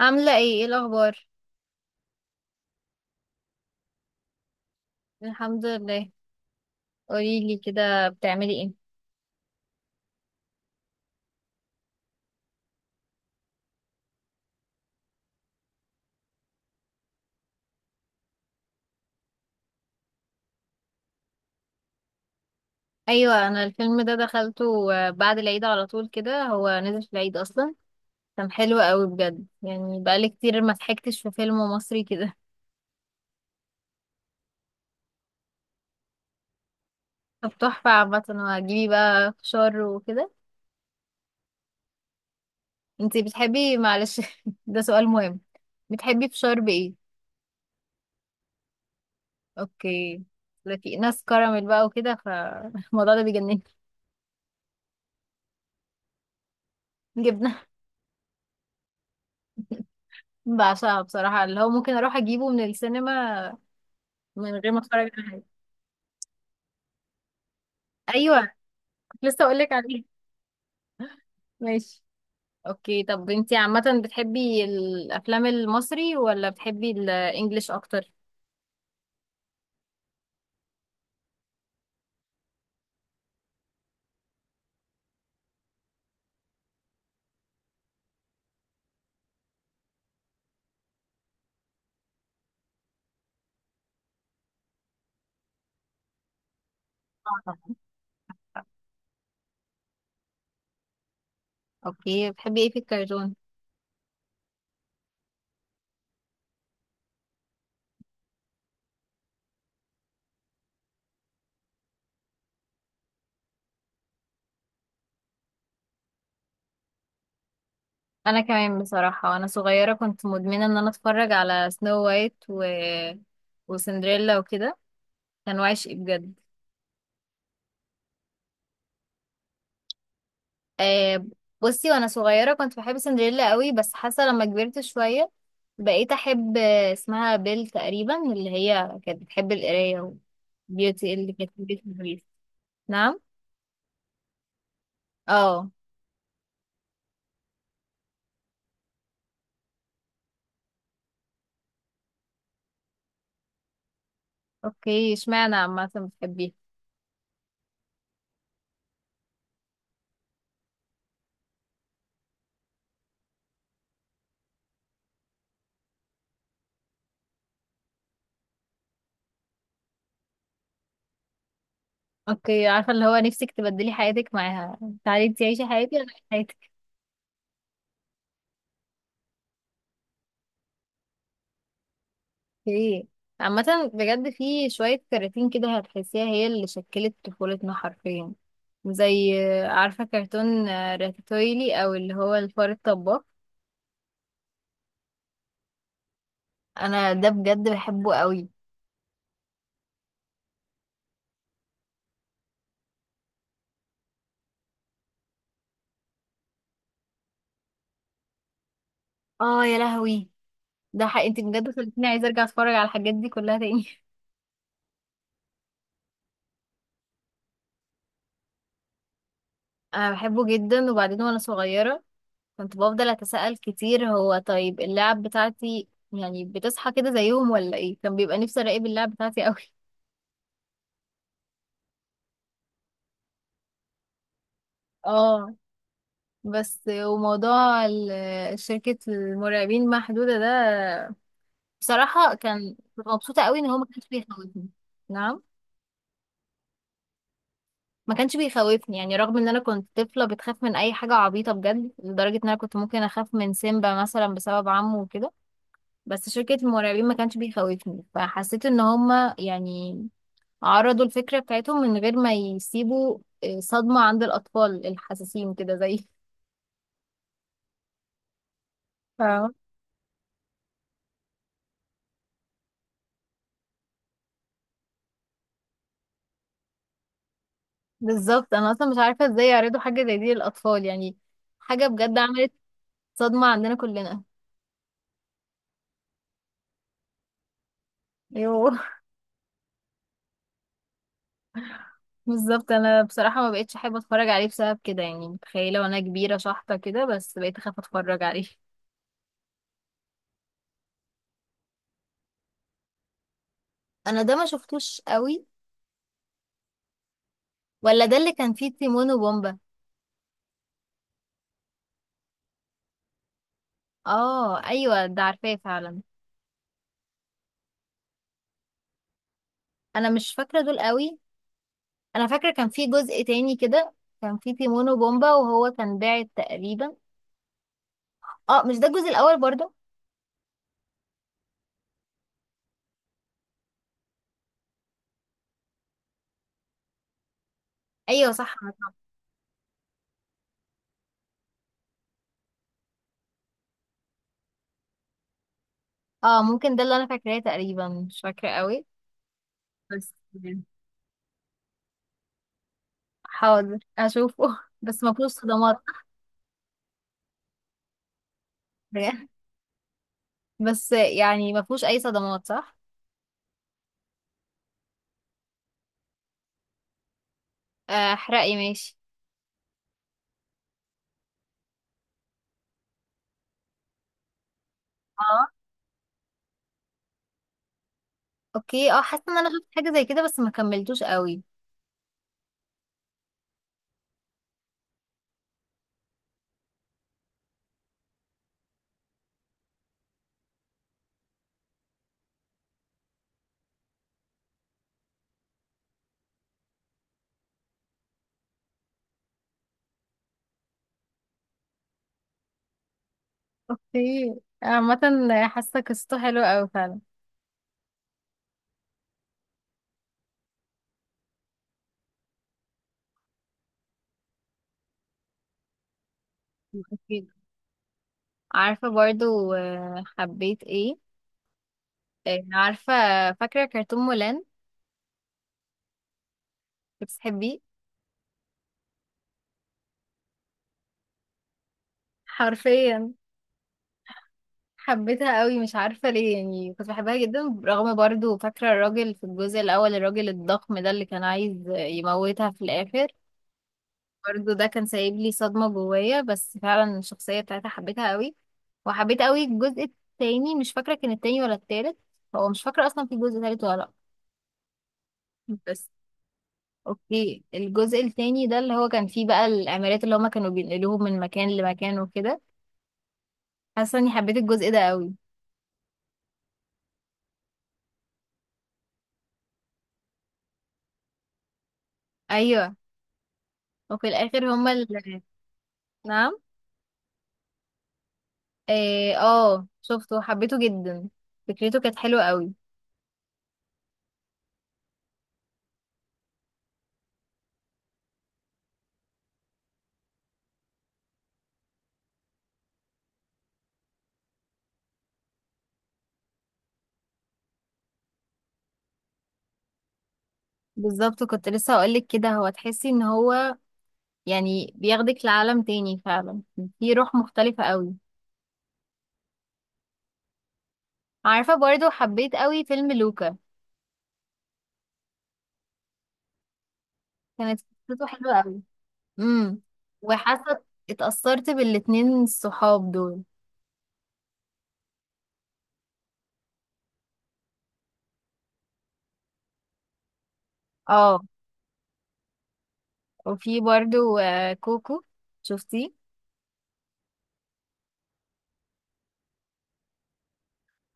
عاملة ايه ايه الأخبار؟ الحمد لله. قوليلي كده بتعملي ايه؟ أيوة، أنا الفيلم ده دخلته بعد العيد على طول، كده هو نزل في العيد أصلا. كان حلو قوي بجد، يعني بقالي كتير ما ضحكتش في فيلم مصري كده. طب تحفة. عامة وهتجيبي بقى فشار وكده؟ انتي بتحبي، معلش ده سؤال مهم، بتحبي فشار بإيه؟ اوكي. لا، في ناس كراميل بقى وكده، فالموضوع ده بيجنني. جبنة. بعشقها بصراحة، اللي هو ممكن أروح أجيبه من السينما من غير ما اتفرج على حاجه. ايوه، كنت لسه اقول لك عليه. ماشي. اوكي، طب انتي عامه بتحبي الافلام المصري ولا بتحبي الانجليش اكتر؟ آه. اوكي، بتحبي ايه في الكرتون؟ انا كمان بصراحه، وانا صغيره كنت مدمنه ان انا اتفرج على سنو وايت وسندريلا وكده. كان وعشق بجد. آه بصي، وانا صغيره كنت بحب سندريلا قوي، بس حاسه لما كبرت شويه بقيت احب اسمها بيل تقريبا، اللي هي كانت بتحب القرايه. وبيوتي اللي كانت في بيت البريف. نعم. اه. اوكي، اشمعنى عامه بتحبيها؟ اوكي، عارفه اللي هو نفسك تبدلي حياتك معاها. تعالي انتي عيشي حياتي وانا أعيش. ايه. عامة بجد في شوية كراتين كده هتحسيها هي اللي شكلت طفولتنا حرفيا. زي عارفة كرتون راتاتويلي، او اللي هو الفار الطباخ. انا ده بجد بحبه قوي. اه يا لهوي، ده حق، انت بجد خلتيني عايزة ارجع اتفرج على الحاجات دي كلها تاني. انا بحبه جدا. وبعدين وانا صغيرة كنت بفضل اتساءل كتير، هو طيب اللعب بتاعتي يعني بتصحى كده زيهم ولا ايه؟ كان بيبقى نفسي اراقب اللعب بتاعتي قوي. اه. بس وموضوع شركة المرعبين محدودة ده، بصراحة كنت مبسوطة قوي ان هو ما كانش بيخوفني. نعم. ما كانش بيخوفني يعني، رغم ان انا كنت طفلة بتخاف من اي حاجة عبيطة بجد، لدرجة ان انا كنت ممكن اخاف من سيمبا مثلا بسبب عمه وكده. بس شركة المرعبين ما كانش بيخوفني، فحسيت ان هما يعني عرضوا الفكرة بتاعتهم من غير ما يسيبوا صدمة عند الأطفال الحساسين كده زي. بالظبط، انا اصلا مش عارفه ازاي يعرضوا حاجه زي دي للاطفال يعني. حاجه بجد عملت صدمه عندنا كلنا. ايوه بالظبط، انا بصراحه ما بقتش احب اتفرج عليه بسبب كده، يعني متخيله وانا كبيره شحطه كده، بس بقيت اخاف اتفرج عليه انا ده ما شفتوش قوي. ولا ده اللي كان فيه تيمون وبومبا؟ اه ايوه، ده عارفاه فعلا. انا مش فاكره دول قوي. انا فاكره كان فيه جزء تاني كده، كان فيه تيمون وبومبا وهو كان باعت تقريبا. اه، مش ده الجزء الاول برضه؟ ايوه صح. اه، ممكن ده اللي انا فاكراه تقريبا، مش فاكرة قوي. بس. حاضر اشوفه بس ما فيهوش صدمات؟ بس يعني ما فيهوش اي صدمات صح؟ احرقي ماشي. اه اوكي، اه حاسه ان انا شفت حاجه زي كده بس ما كملتوش قوي. اوكي، عامه حاسه قصته حلوه قوي فعلا. أكيد. عارفه برضو حبيت ايه؟ عارفه فاكره كرتون مولان؟ بتحبيه؟ حرفيا حبيتها قوي، مش عارفة ليه يعني، كنت بحبها جدا، رغم برضو فاكرة الراجل في الجزء الأول، الراجل الضخم ده اللي كان عايز يموتها في الآخر. برضو ده كان سايب لي صدمة جوايا، بس فعلا الشخصية بتاعتها حبيتها قوي. وحبيت قوي الجزء التاني، مش فاكرة كان التاني ولا التالت. هو مش فاكرة أصلا في جزء تالت ولا لأ. بس. اوكي، الجزء التاني ده اللي هو كان فيه بقى الأمارات اللي هما كانوا بينقلوهم من مكان لمكان وكده. حاسة اني حبيت الجزء ده قوي. أيوه. وفي الآخر هما اللي نعم. إيه، اه شفته وحبيته جدا. فكرته كانت حلوة قوي. بالظبط كنت لسه هقولك كده، هو تحسي ان هو يعني بياخدك لعالم تاني فعلا. في روح مختلفة قوي. عارفة برضو حبيت قوي فيلم لوكا. كانت قصته حلوة قوي. امم. وحاسة اتأثرت بالاتنين الصحاب دول. اه. وفي برضو كوكو. شفتيه؟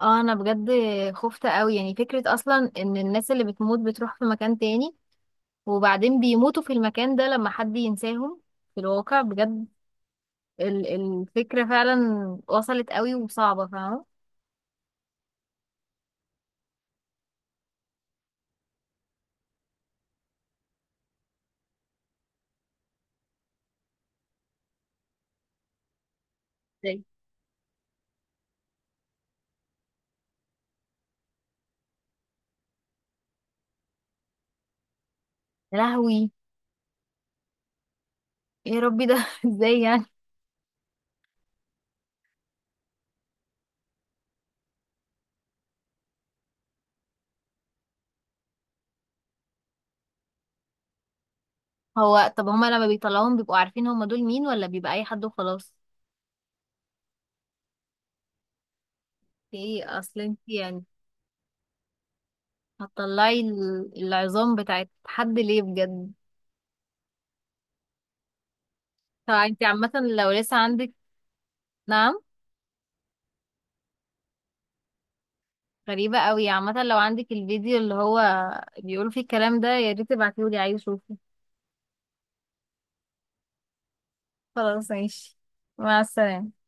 اه. انا بجد خفت قوي، يعني فكرة اصلا ان الناس اللي بتموت بتروح في مكان تاني، وبعدين بيموتوا في المكان ده لما حد ينساهم. في الواقع بجد الفكرة فعلا وصلت قوي وصعبة فاهمة. ازاي؟ يا لهوي. ايه يا ربي ده ازاي يعني؟ هو طب هما لما بيطلعوهم بيبقوا عارفين هما دول مين ولا بيبقى اي حد وخلاص؟ ايه اصل انت يعني هتطلعي العظام بتاعت حد ليه بجد؟ طب انت عامة لو لسه عندك. نعم. غريبة قوي. عامة لو عندك الفيديو اللي هو بيقول فيه الكلام ده، يا ريت تبعتيهولي، عايز اشوفه. خلاص ماشي. مع السلامة.